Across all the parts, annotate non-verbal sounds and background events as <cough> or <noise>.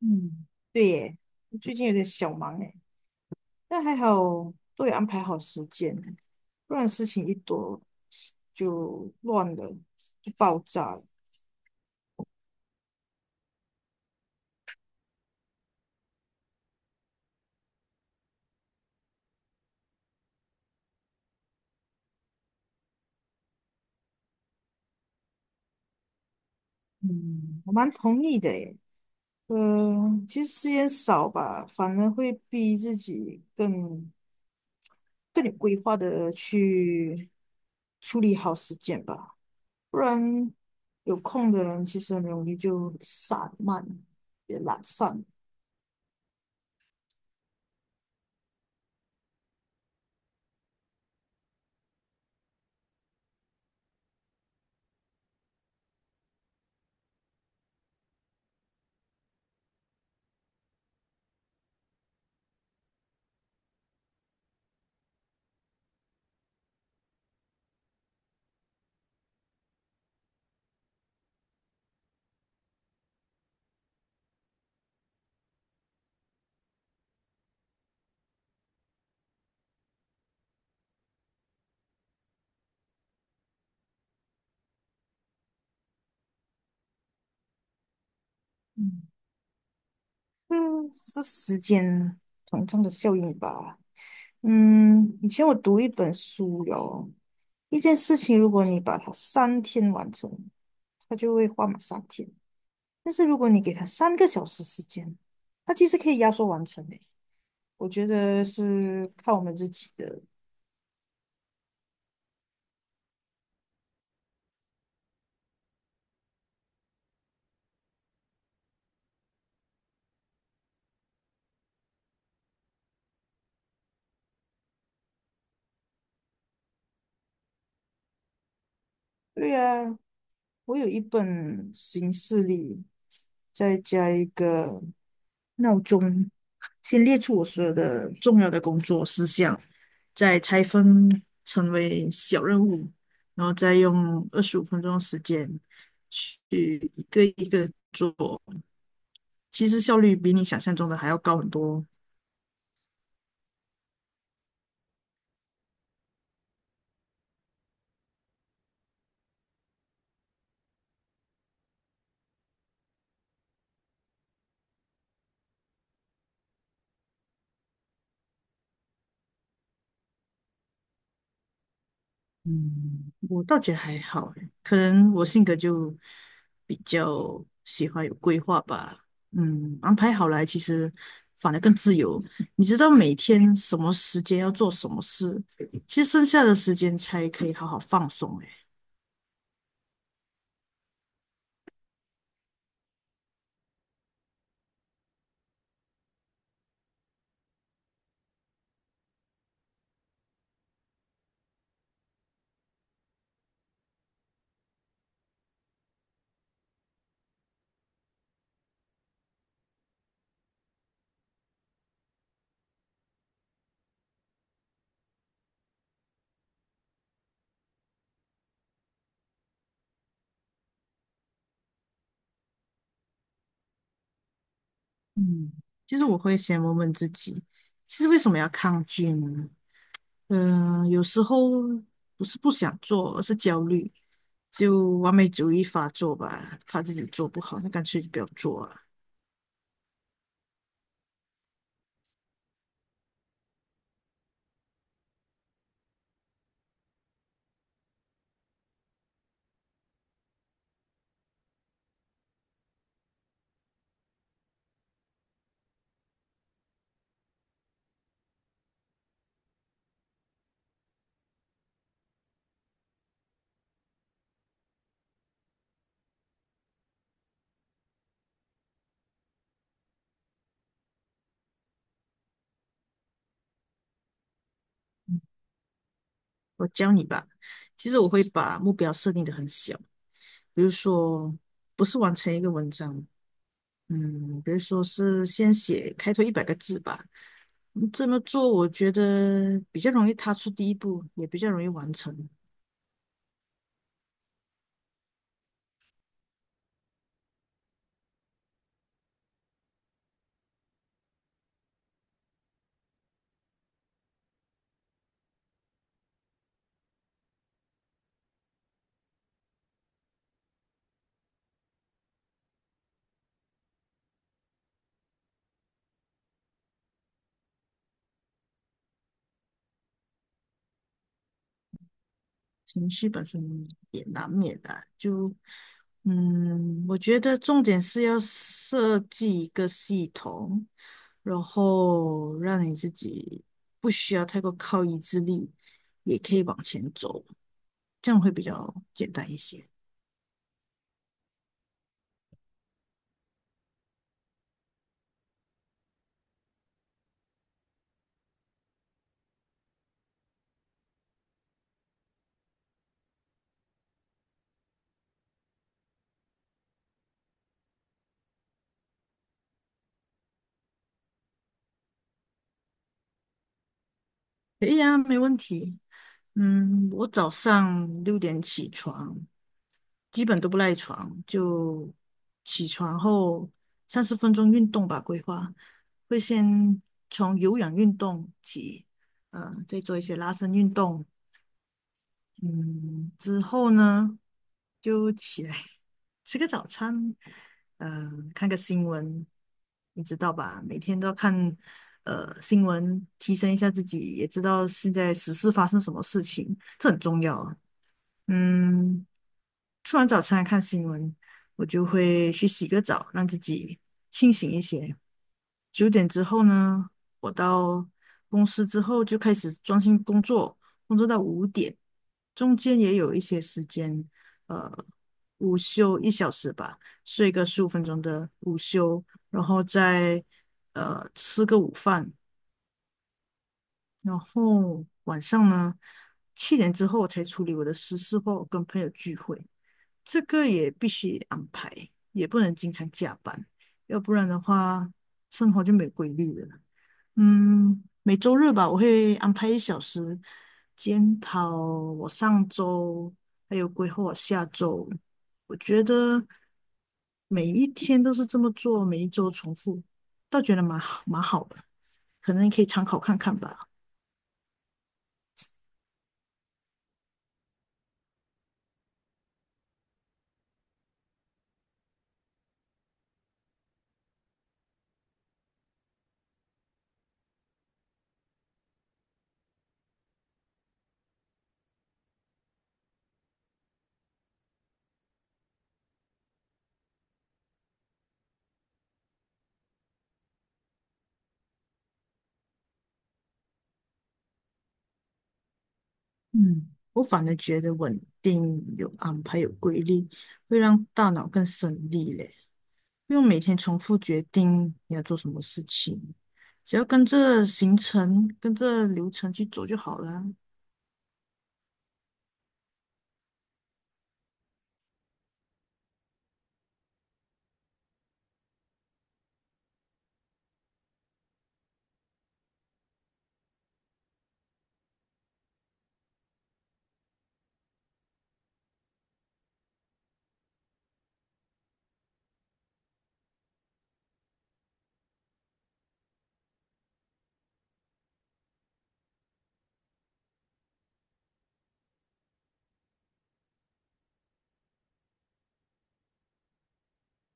嗯，对耶，我最近有点小忙诶，但还好都有安排好时间，不然事情一多就乱了，就爆炸了。嗯，我蛮同意的耶。嗯、其实时间少吧，反而会逼自己更有规划的去处理好时间吧，不然有空的人其实很容易就散漫，也懒散。嗯。嗯，是时间膨胀的效应吧？嗯，以前我读一本书哟，一件事情，如果你把它三天完成，它就会花满三天；但是如果你给它3个小时时间，它其实可以压缩完成的。我觉得是看我们自己的。对啊，我有一本形式历，再加一个，闹钟，先列出我所有的重要的工作事项，再拆分成为小任务，然后再用25分钟的时间去一个一个做。其实效率比你想象中的还要高很多哦。嗯，我倒觉得还好欸，可能我性格就比较喜欢有规划吧。嗯，安排好来，其实反而更自由。你知道每天什么时间要做什么事，其实剩下的时间才可以好好放松。诶，嗯，其实我会先问问自己，其实为什么要抗拒呢？嗯、有时候不是不想做，而是焦虑，就完美主义发作吧，怕自己做不好，那干脆就不要做啊。我教你吧。其实我会把目标设定的很小，比如说不是完成一个文章，嗯，比如说是先写开头100个字吧。嗯这么做我觉得比较容易踏出第一步，也比较容易完成。情绪本身也难免的，就嗯，我觉得重点是要设计一个系统，然后让你自己不需要太过靠意志力，也可以往前走。这样会比较简单一些。可以啊，没问题。嗯，我早上6点起床，基本都不赖床，就起床后30分钟运动吧，规划会先从有氧运动起，再做一些拉伸运动，嗯，之后呢，就起来 <laughs> 吃个早餐，呃，看个新闻，你知道吧？每天都要看新闻，提升一下自己，也知道现在时事发生什么事情，这很重要啊。嗯，吃完早餐看新闻，我就会去洗个澡，让自己清醒一些。9点之后呢，我到公司之后就开始专心工作，工作到5点，中间也有一些时间，呃，午休一小时吧，睡个十五分钟的午休，然后再吃个午饭，然后晚上呢7点之后才处理我的私事或跟朋友聚会，这个也必须安排，也不能经常加班，要不然的话生活就没有规律了。嗯，每周日吧，我会安排一小时检讨我上周，还有规划我下周。我觉得每一天都是这么做，每一周重复，倒觉得蛮好，蛮好的，可能你可以参考看看吧。嗯，我反而觉得稳定、有安排、有规律，会让大脑更省力嘞，不用每天重复决定你要做什么事情。只要跟着行程、跟着流程去走就好了。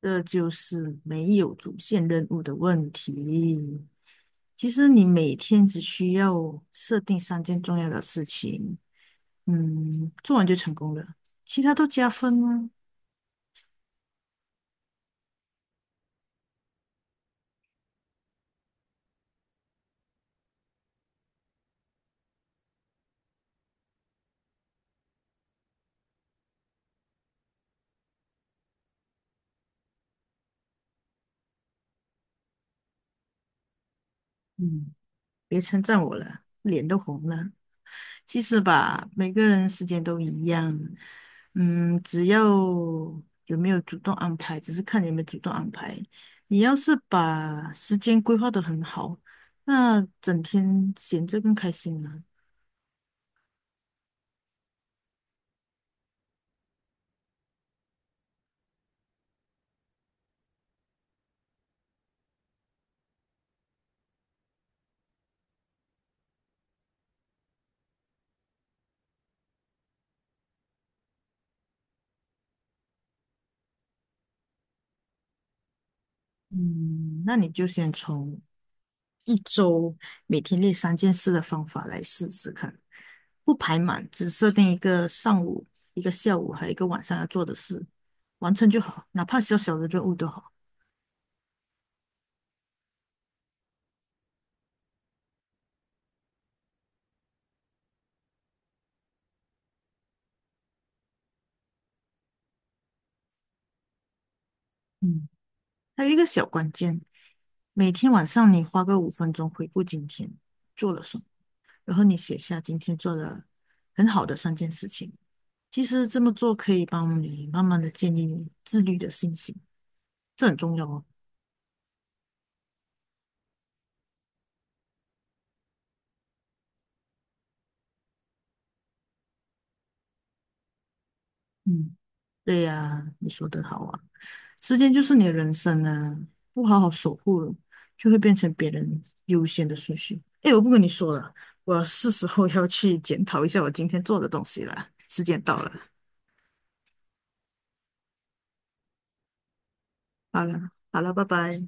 这就是没有主线任务的问题。其实你每天只需要设定三件重要的事情，嗯，做完就成功了，其他都加分吗？嗯，别称赞我了，脸都红了。其实吧，每个人时间都一样，嗯，只要有没有主动安排，只是看你有没有主动安排。你要是把时间规划得很好，那整天闲着更开心啊。嗯，那你就先从一周每天列三件事的方法来试试看，不排满，只设定一个上午、一个下午还有一个晚上要做的事，完成就好，哪怕小小的任务都好。嗯，还有一个小关键，每天晚上你花个五分钟回顾今天做了什么，然后你写下今天做了很好的3件事情。其实这么做可以帮你慢慢的建立自律的信心，这很重要哦。嗯。对呀，你说的好啊，时间就是你的人生啊，不好好守护了就会变成别人优先的顺序。诶，我不跟你说了，我是时候要去检讨一下我今天做的东西了，时间到了，好了，好了，拜拜。